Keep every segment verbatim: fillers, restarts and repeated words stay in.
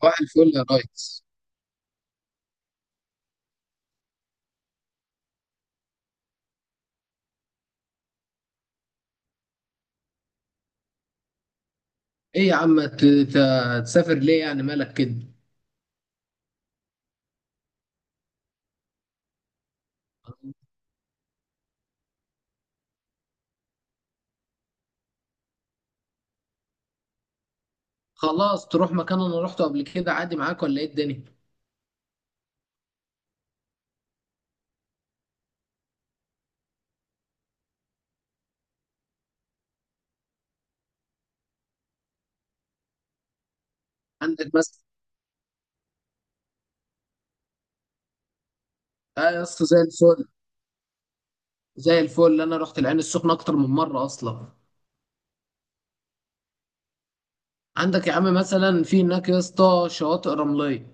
صباح الفل يا ريس. ايه يا عم، ت- ت- تسافر ليه؟ يعني مالك كده؟ خلاص، تروح مكان انا روحته قبل كده عادي معاك ولا ايه الدنيا؟ عندك مثلا. اه يا اسطى، زي الفل. زي الفل، انا رحت العين السخنه اكتر من مره اصلا. عندك يا عم مثلا في هناك يا اسطى شواطئ رمليه.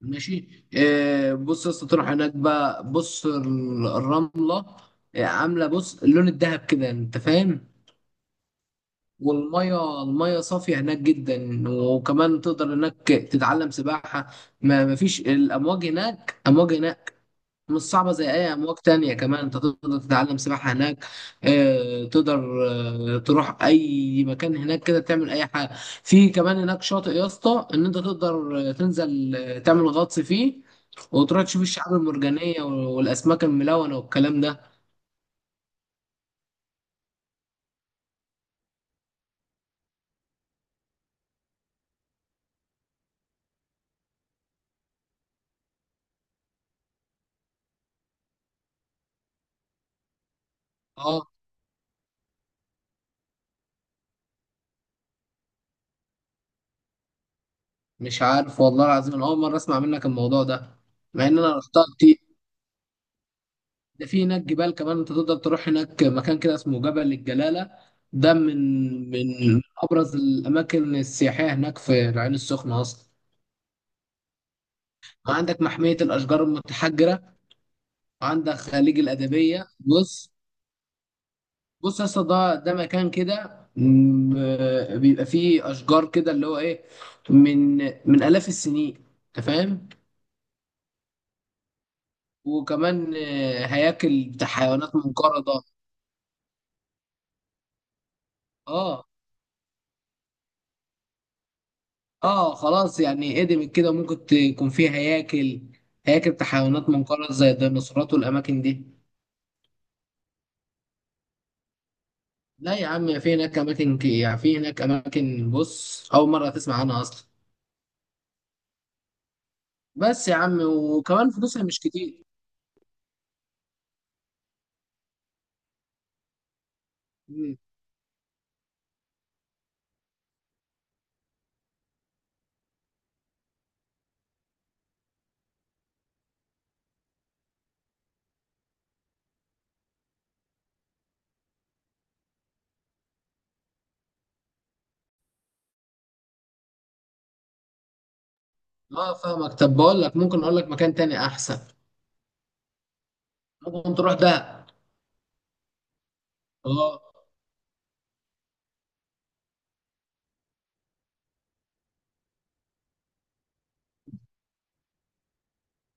ماشي. إيه، بص يا اسطى، تروح هناك بقى، بص ال- الرمله. آه، عامله، بص اللون الذهب كده، انت فاهم. والمية المية صافية هناك جدا، وكمان تقدر هناك تتعلم سباحة. ما مفيش الأمواج هناك، أمواج هناك مش صعبة زي أي أمواج تانية، كمان أنت تقدر تتعلم سباحة هناك. آه، تقدر. آه، تروح أي مكان هناك كده، تعمل أي حاجة. في كمان هناك شاطئ يا اسطى إن أنت تقدر آه، تنزل، آه، تعمل غطس فيه. وتروح تشوف الشعاب المرجانية والأسماك الملونة والكلام ده. أه. مش عارف والله العظيم، أنا أول مرة أسمع منك الموضوع ده، مع ان انا رحتها كتير. ده في هناك جبال كمان، انت تقدر تروح هناك مكان كده اسمه جبل الجلالة. ده من من ابرز الاماكن السياحية هناك في العين السخنة اصلا. وعندك محمية الاشجار المتحجرة، وعندك خليج الادبية. بص، بص يا اسطى، ده ده مكان كده، م- آه، بيبقى فيه اشجار كده، اللي هو ايه، من من الاف السنين، انت فاهم. وكمان آه، هياكل بتاع حيوانات منقرضة. اه. اه خلاص، يعني هدمت كده، وممكن تكون فيه هياكل، هياكل بتاع حيوانات منقرض زي الديناصورات والاماكن دي. لا يا عم، في هناك اماكن ك- يعني في هناك اماكن، بص، اول مره تسمع عنها اصلا. بس يا عم، وكمان فلوسها مش كتير. مم. اه، فاهمك. طب بقول لك، ممكن اقول لك مكان تاني احسن. ممكن تروح دهب. اه.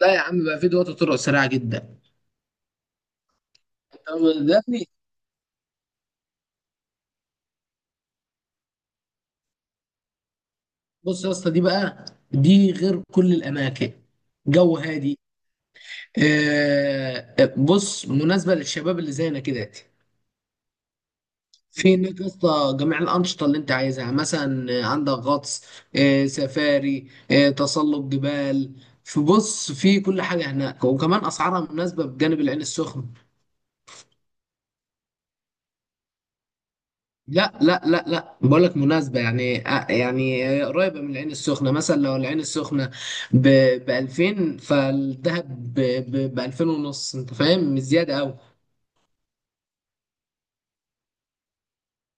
لا يا عم، بقى في دلوقتي طرق سريعه جدا. طب ده، بص يا اسطى دي بقى، دي غير كل الاماكن. جو هادي. آه، بص، مناسبة للشباب اللي زينا كده. في هناك يا اسطى جميع الأنشطة اللي أنت عايزها، مثلا آه، عندك غطس، آه، سفاري، آه، تسلق جبال. فبص، في كل حاجة هناك، وكمان أسعارها مناسبة بجانب العين السخنة. لا لا لا لا، بقول لك مناسبة يعني، آه، يعني آه، قريبة من العين السخنة. مثلا لو العين السخنة ب ألفين، فالدهب ب ألفين ونص. أنت فاهم؟ مش زيادة أوي.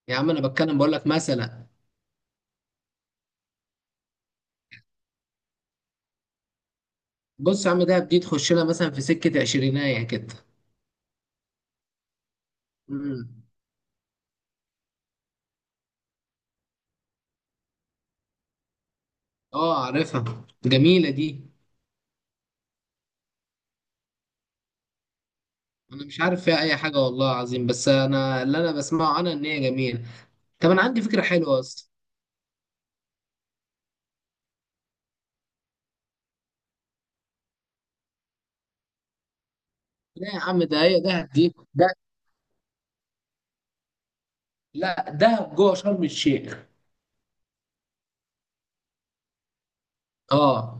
يا عم أنا بتكلم، بقول لك مثلا. بص يا عم، دهب دي تخش لها مثلا في سكة عشرينية كده. امم. اه، عارفها، جميلة دي. انا مش عارف فيها اي حاجة والله العظيم، بس انا اللي انا بسمعه انا ان هي جميلة. طب انا عندي فكرة حلوة اصلا. لا يا عم، ده هي دهب دي ده. لا، دهب جوه شرم الشيخ. اه.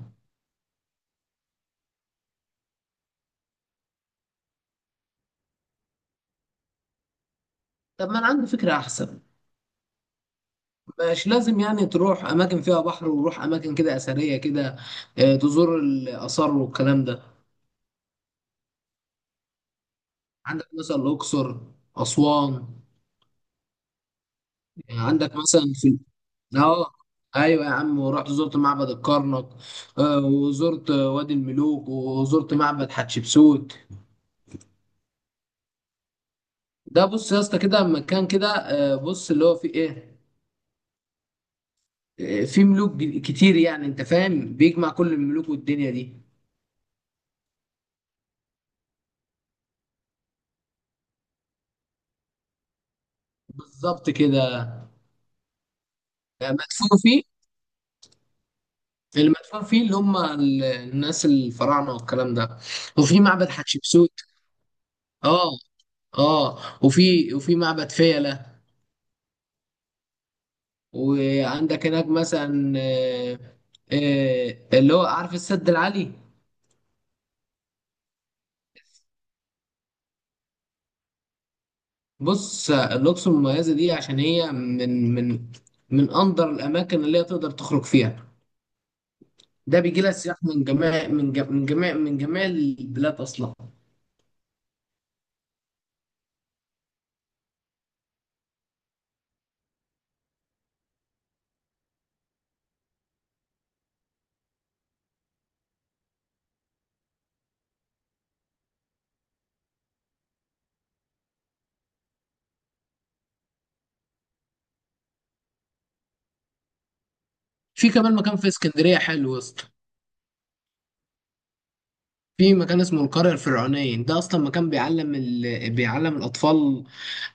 طب ما انا عندي فكرة احسن. مش لازم يعني تروح اماكن فيها بحر، وروح اماكن كده اثرية كده، آه، تزور الاثار والكلام ده. عندك مثلا الاقصر، اسوان. آه، عندك مثلا في. اه. ايوه يا عم، ورحت زرت معبد الكرنك، آه، وزرت آه، وادي الملوك، وزرت معبد حتشبسوت. ده بص يا اسطى، كده مكان كده، آه، بص اللي هو فيه ايه، آه، فيه ملوك ج- كتير، يعني انت فاهم، بيجمع كل الملوك والدنيا دي. بالظبط كده. آه، مدفون فيه. المدفون فيه اللي هم ال- الناس الفراعنه والكلام ده. وفي معبد حتشبسوت. اه. اه. وفي وفي معبد فيلة. وعندك هناك مثلا آه، آه، اللي هو عارف السد العالي. بص الأقصر المميزة دي عشان هي من من من أندر الأماكن اللي هي تقدر تخرج فيها. ده بيجي لها سياح من جميع من جميع من جميع من جميع البلاد أصلا. في كمان مكان في اسكندرية حلو يا اسطى. في مكان اسمه القرية الفرعونية، ده أصلا مكان بيعلم ال... بيعلم الأطفال.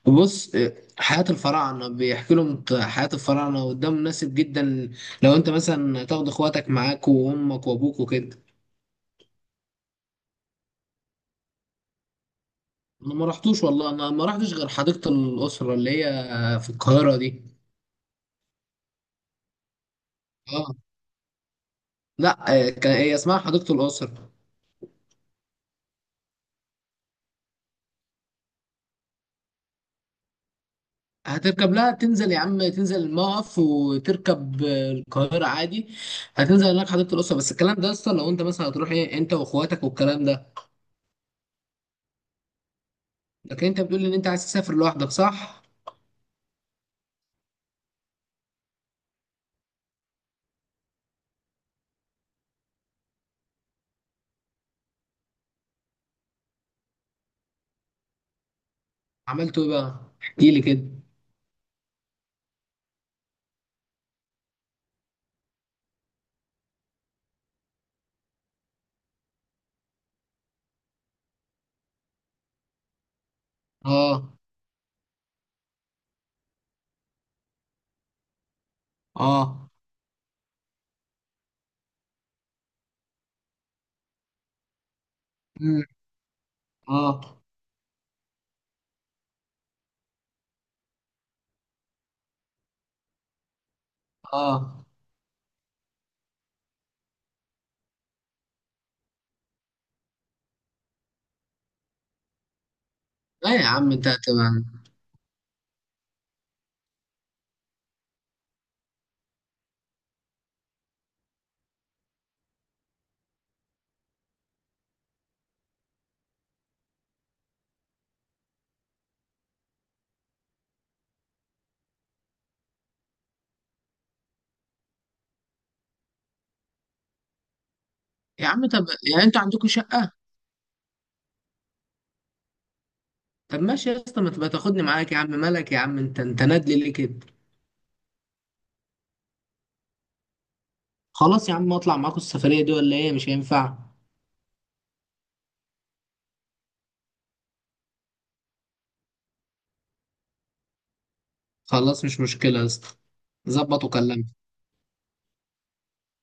بص، حياة الفراعنة، بيحكي لهم حياة الفراعنة، وده مناسب جدا لو انت مثلا تاخد اخواتك معاك وامك وابوك وكده. انا ما رحتوش والله، انا ما رحتش غير حديقة الأسرة اللي هي في القاهرة دي. اه. لا، كان- هي اسمها حديقة الأسرة. هتركب لها، تنزل يا عم، تنزل الموقف وتركب القاهرة عادي. هتنزل هناك حديقة الأسرة، بس الكلام ده اصلا لو انت مثلا هتروح ايه، انت واخواتك والكلام ده. لكن انت بتقول ان انت عايز تسافر لوحدك، صح؟ عملته ايه بقى؟ احكي لي كده. اه. اه. مم. اه. اه. لا يا عم، انت هتبقى. يا عم طب، يعني انتوا عندكم شقة؟ طب ماشي يا اسطى، ما تبقى تاخدني معاك يا عم، مالك يا عم، انت انت نادلي ليه كده؟ خلاص يا عم، اطلع معاكم السفرية دي ولا ايه، مش هينفع؟ خلاص، مش مشكلة يا اسطى. ظبط وكلمني.